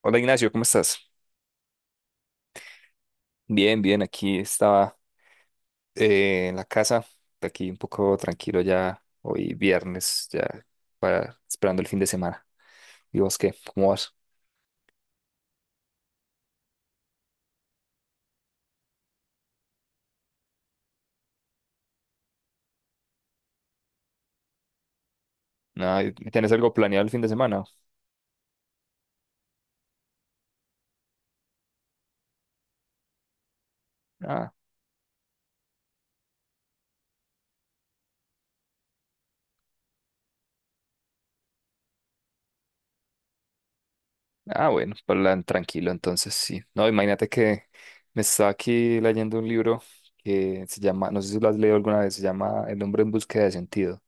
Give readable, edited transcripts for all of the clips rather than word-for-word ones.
Hola Ignacio, ¿cómo estás? Bien, bien, aquí estaba en la casa, aquí un poco tranquilo ya, hoy viernes, ya para esperando el fin de semana. ¿Y vos qué? ¿Cómo vas? Ah, ¿tenés algo planeado el fin de semana? Ah, ah, bueno, plan tranquilo entonces, sí. No, imagínate que me estaba aquí leyendo un libro que se llama, no sé si lo has leído alguna vez, se llama El hombre en búsqueda de sentido.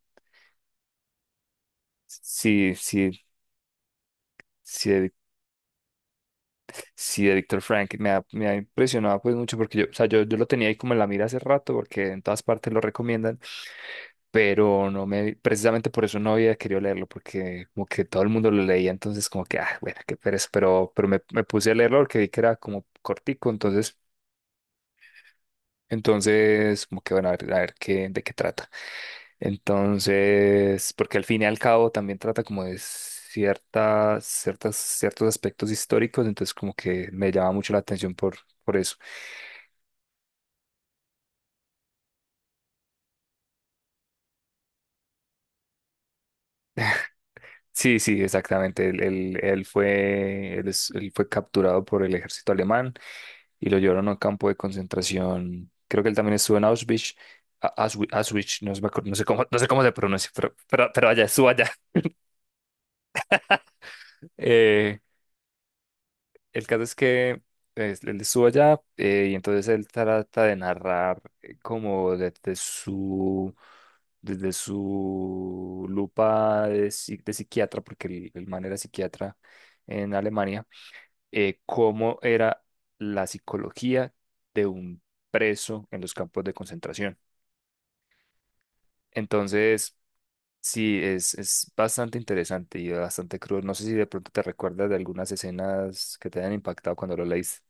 Sí, sí, sí, Sí, de Víctor Frank me ha impresionado pues mucho porque yo, o sea, yo lo tenía ahí como en la mira hace rato porque en todas partes lo recomiendan, pero no me, precisamente por eso no había querido leerlo porque como que todo el mundo lo leía, entonces como que, ah, bueno, qué pereza, pero me puse a leerlo porque vi que era como cortico, entonces como que bueno, a ver, de qué trata. Entonces, porque al fin y al cabo también trata como de ciertos aspectos históricos, entonces como que me llama mucho la atención por eso. Sí, sí, exactamente. Él fue capturado por el ejército alemán y lo llevaron a un campo de concentración. Creo que él también estuvo en Auschwitz. Auschwitz, no, no sé cómo, no sé cómo se pronuncia, pero allá, estuvo allá. Eh, el caso es que él estuvo allá y entonces él trata de narrar como desde su lupa de, de psiquiatra, porque el man era psiquiatra en Alemania, cómo era la psicología de un preso en los campos de concentración. Entonces, sí, es bastante interesante y bastante cruel. No sé si de pronto te recuerdas de algunas escenas que te hayan impactado cuando lo leíste.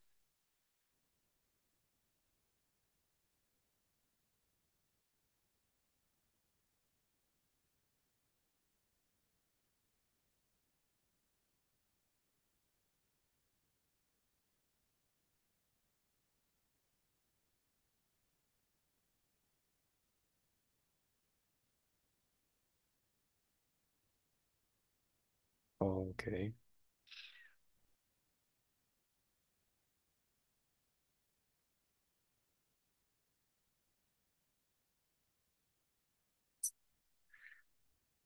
Ok.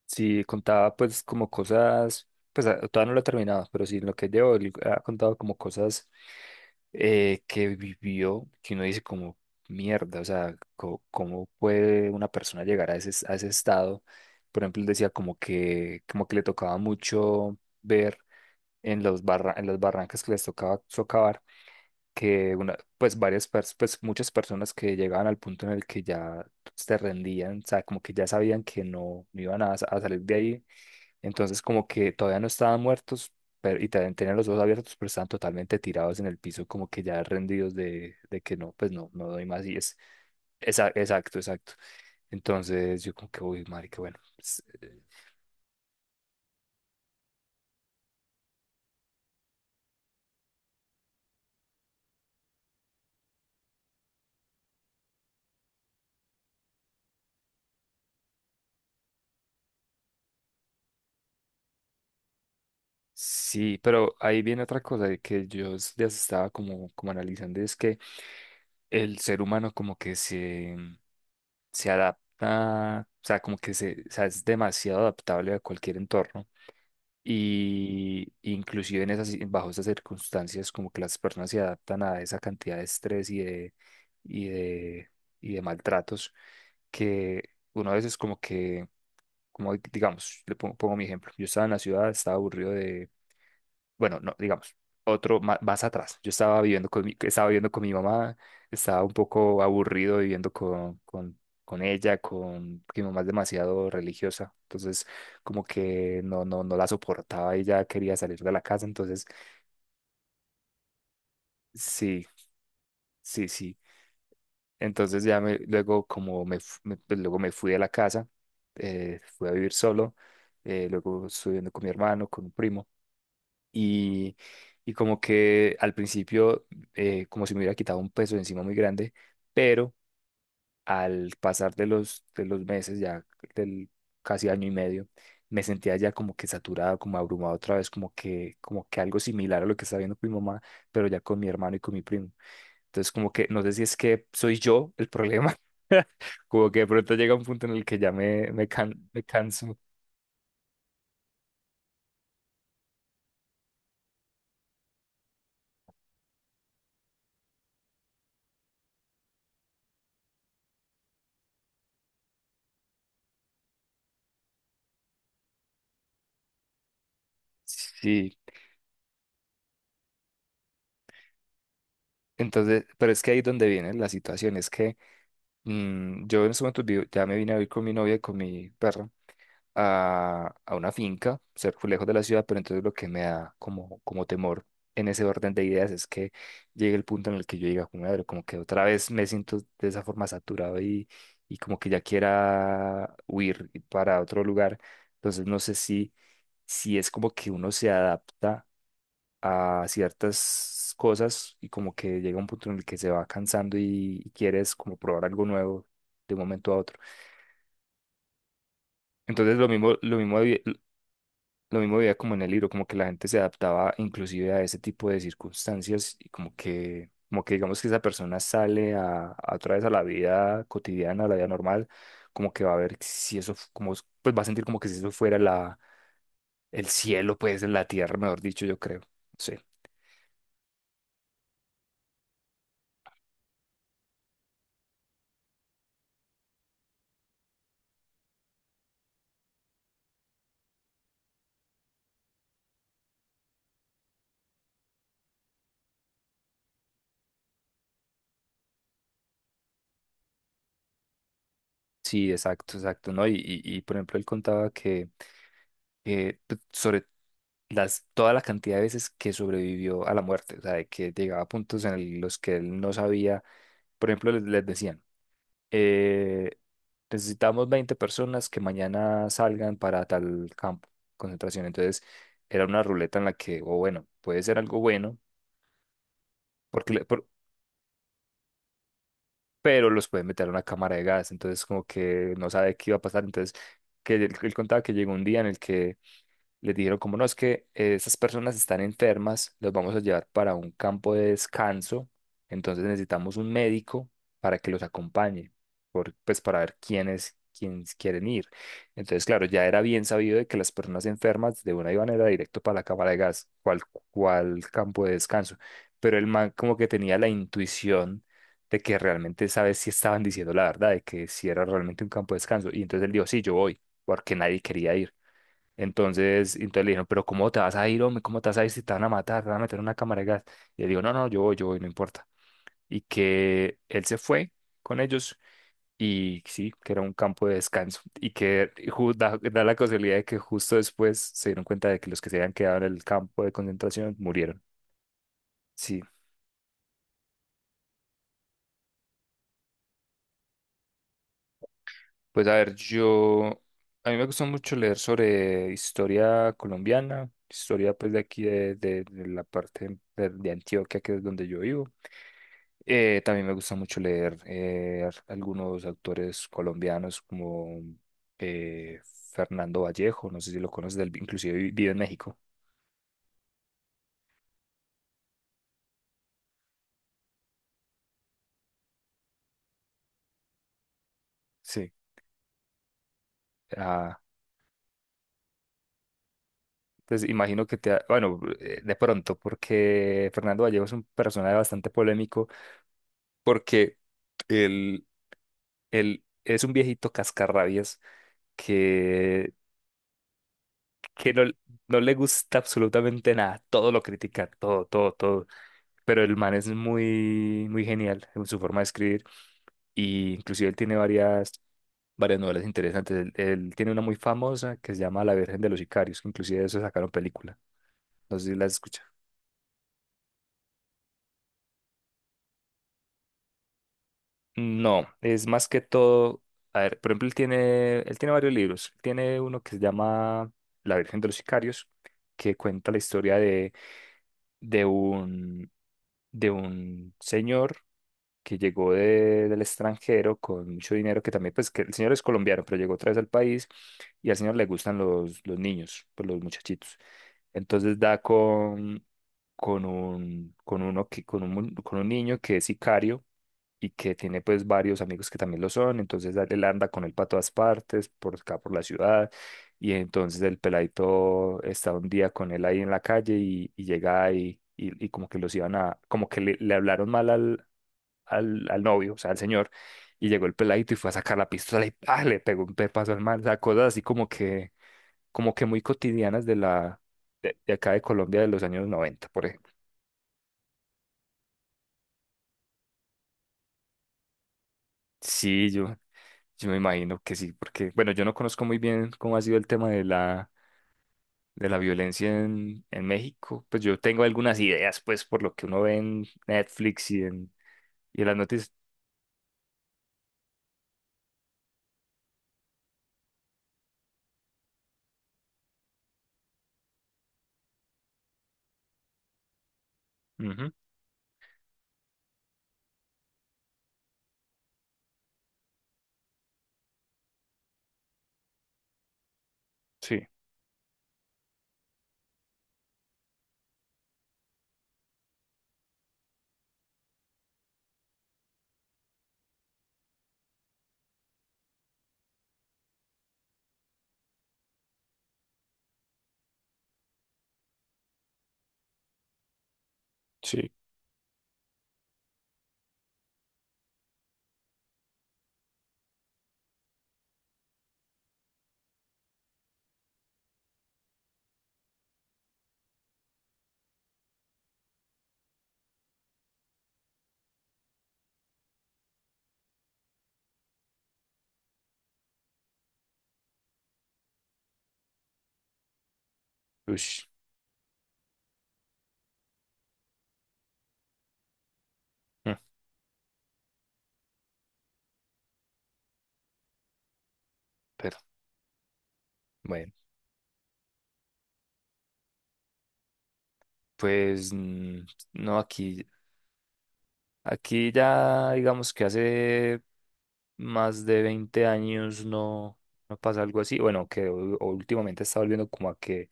Sí, contaba pues como cosas, pues ah, todavía no lo he terminado, pero sí, en lo que llevo, él ha contado como cosas que vivió, que uno dice como mierda, o sea, ¿cómo puede una persona llegar a a ese estado? Por ejemplo, él decía como que le tocaba mucho ver en los en las barrancas que les tocaba socavar que una, pues muchas personas que llegaban al punto en el que ya se rendían, o sea, como que ya sabían que no iban a salir de ahí, entonces como que todavía no estaban muertos pero, y también tenían los ojos abiertos, pero estaban totalmente tirados en el piso, como que ya rendidos de que no, pues no doy más y es, exacto, exacto. Entonces yo como que, uy, marica, bueno, pues, sí, pero ahí viene otra cosa de que ya estaba como, como analizando, y es que el ser humano como que se adapta, o sea, o sea, es demasiado adaptable a cualquier entorno. Y inclusive bajo esas circunstancias, como que las personas se adaptan a esa cantidad de estrés y de, y de maltratos que uno a veces como que, como digamos, pongo mi ejemplo, yo estaba en la ciudad, estaba aburrido de bueno, no, digamos, más, atrás. Yo estaba estaba viviendo con mi mamá, estaba un poco aburrido viviendo con ella, con que mi mamá es demasiado religiosa, entonces como que no la soportaba y ya quería salir de la casa, entonces sí, sí, sí. Entonces ya me, luego como me, fu- me- pues, luego me fui de la casa, fui a vivir solo, luego estuve viviendo con mi hermano, con un primo. Y y como que al principio como si me hubiera quitado un peso de encima muy grande, pero al pasar de de los meses, ya del casi año y medio, me sentía ya como que saturado, como abrumado otra vez, como que algo similar a lo que estaba viendo con mi mamá, pero ya con mi hermano y con mi primo. Entonces como que no sé si es que soy yo el problema. Como que de pronto llega un punto en el que me canso. Sí, entonces, pero es que ahí es donde viene la situación, es que yo en ese momento ya me vine a vivir con mi novia y con mi perra a una finca, cerca, lejos de la ciudad, pero entonces lo que me da como temor en ese orden de ideas es que llegue el punto en el que yo diga, como, madre, como que otra vez me siento de esa forma saturado y como que ya quiera huir para otro lugar. Entonces no sé si, si es como que uno se adapta a ciertas cosas y como que llega un punto en el que se va cansando y quieres como probar algo nuevo de un momento a otro. Entonces lo mismo veía como en el libro, como que la gente se adaptaba inclusive a ese tipo de circunstancias y como que digamos que esa persona sale a otra vez a la vida cotidiana, a la vida normal, como que va a ver si eso, fu- como, pues va a sentir como que si eso fuera el cielo, pues en la tierra, mejor dicho, yo creo. Sí. Sí, exacto, exacto, ¿no? Y, por ejemplo, él contaba que sobre las, toda la cantidad de veces que sobrevivió a la muerte, o sea, de que llegaba a puntos los que él no sabía, por ejemplo, les decían, eh, necesitamos 20 personas que mañana salgan para tal campo, de concentración, entonces era una ruleta en la que, o bueno, puede ser algo bueno, porque le- por- pero los pueden meter a una cámara de gas, entonces como que no sabe qué iba a pasar, entonces que él contaba que llegó un día en el que les dijeron, como no, es que estas personas están enfermas, los vamos a llevar para un campo de descanso, entonces necesitamos un médico para que los acompañe, pues para ver quiénes quieren ir. Entonces, claro, ya era bien sabido de que las personas enfermas de una iban era directo para la cámara de gas, cual campo de descanso, pero el man como que tenía la intuición de que realmente sabes si estaban diciendo la verdad, de que si era realmente un campo de descanso, y entonces él dijo, sí, yo voy, porque nadie quería ir. Entonces le dijeron, pero ¿cómo te vas a ir, hombre? ¿Cómo te vas a ir si te van a matar? Te van a meter en una cámara de gas. Y él dijo, no, no, yo voy, no importa. Y que él se fue con ellos y sí, que era un campo de descanso. Y que da la casualidad de que justo después se dieron cuenta de que los que se habían quedado en el campo de concentración murieron. Sí. Pues a ver, yo, a mí me gusta mucho leer sobre historia colombiana, historia pues de aquí de la parte de Antioquia, que es donde yo vivo. También me gusta mucho leer algunos autores colombianos como eh, Fernando Vallejo, no sé si lo conoces, él vi- inclusive vi- vive en México. Sí. Ah, pues imagino que bueno, de pronto, porque Fernando Vallejo es un personaje bastante polémico, porque... él él es un viejito cascarrabias que, que no, no le gusta absolutamente nada. Todo lo critica, todo. Pero el man es muy genial en su forma de escribir. Y inclusive varias novelas interesantes. Él tiene una muy famosa que se llama La Virgen de los Sicarios, que inclusive de eso sacaron película. No sé si la escucha. No, es más que todo. A ver, por ejemplo, él tiene varios libros. Tiene uno que se llama La Virgen de los Sicarios, que cuenta la historia de un, de un señor que llegó del extranjero con mucho dinero, que también, pues, que el señor es colombiano, pero llegó otra vez al país y al señor le gustan los niños, pues los muchachitos. Entonces da con un, con uno que, con un, mu- con un niño que es sicario y que tiene pues varios amigos que también lo son, entonces él anda con él para todas partes, por acá por la ciudad, y entonces el peladito está un día con él ahí en la calle y llega y como que los iban a, como que le hablaron mal al novio, o sea, al señor, y llegó el peladito y fue a sacar la pistola y ¡pah! Le pegó un pepazo al mal, o sea, cosas así como que muy cotidianas de la, de acá de Colombia de los años 90 por ejemplo. Sí, yo, Yo me imagino que sí, porque, bueno, yo no conozco muy bien cómo ha sido el tema de de la violencia en México. Pues yo tengo algunas ideas, pues, por lo que uno ve en Netflix y en las noticias. Ujú. Sí, sí. Ush. Mm. Pero, bueno, pues, mm, no, aquí aquí ya, digamos que hace más de 20 años no, no pasa algo así. Bueno, que últimamente está volviendo como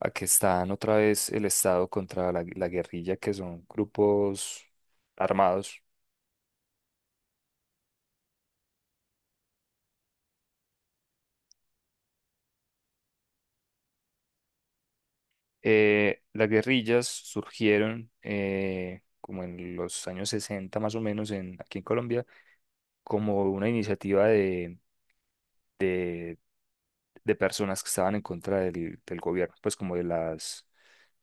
a que están otra vez el Estado contra la guerrilla, que son grupos armados. Las guerrillas surgieron como en los años 60 más o menos en, aquí en Colombia como una iniciativa de personas que estaban en contra del gobierno, pues como de las,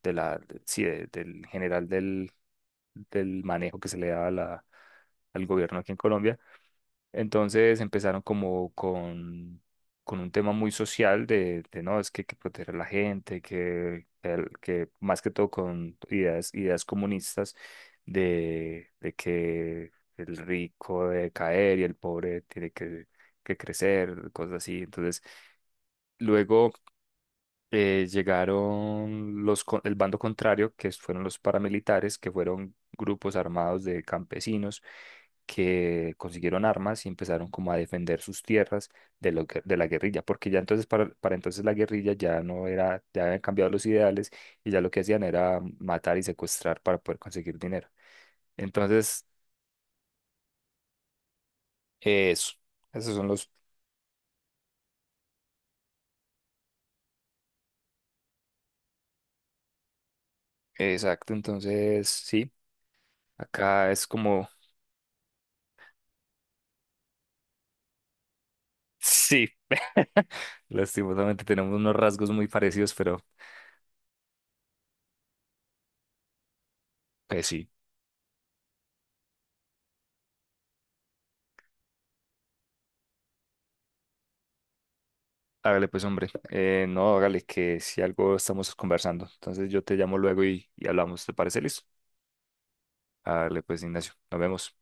de la, de- sí, de- del general del manejo que se le daba a al gobierno aquí en Colombia. Entonces empezaron como con un tema muy social no, es que hay que proteger a la gente, que más que todo con ideas, ideas comunistas de que el rico debe caer y el pobre tiene que crecer, cosas así. Entonces, luego llegaron los, el bando contrario, que fueron los paramilitares, que fueron grupos armados de campesinos que consiguieron armas y empezaron como a defender sus tierras de la guerrilla, porque ya entonces para entonces la guerrilla ya no era, ya habían cambiado los ideales y ya lo que hacían era matar y secuestrar para poder conseguir dinero. Entonces, eso, esos son los, exacto, entonces sí, acá es como... Sí, lastimosamente tenemos unos rasgos muy parecidos, pero pues sí, hágale pues hombre. No, hágale que si algo estamos conversando, entonces yo te llamo luego y hablamos, ¿te parece listo? Hágale pues Ignacio, nos vemos.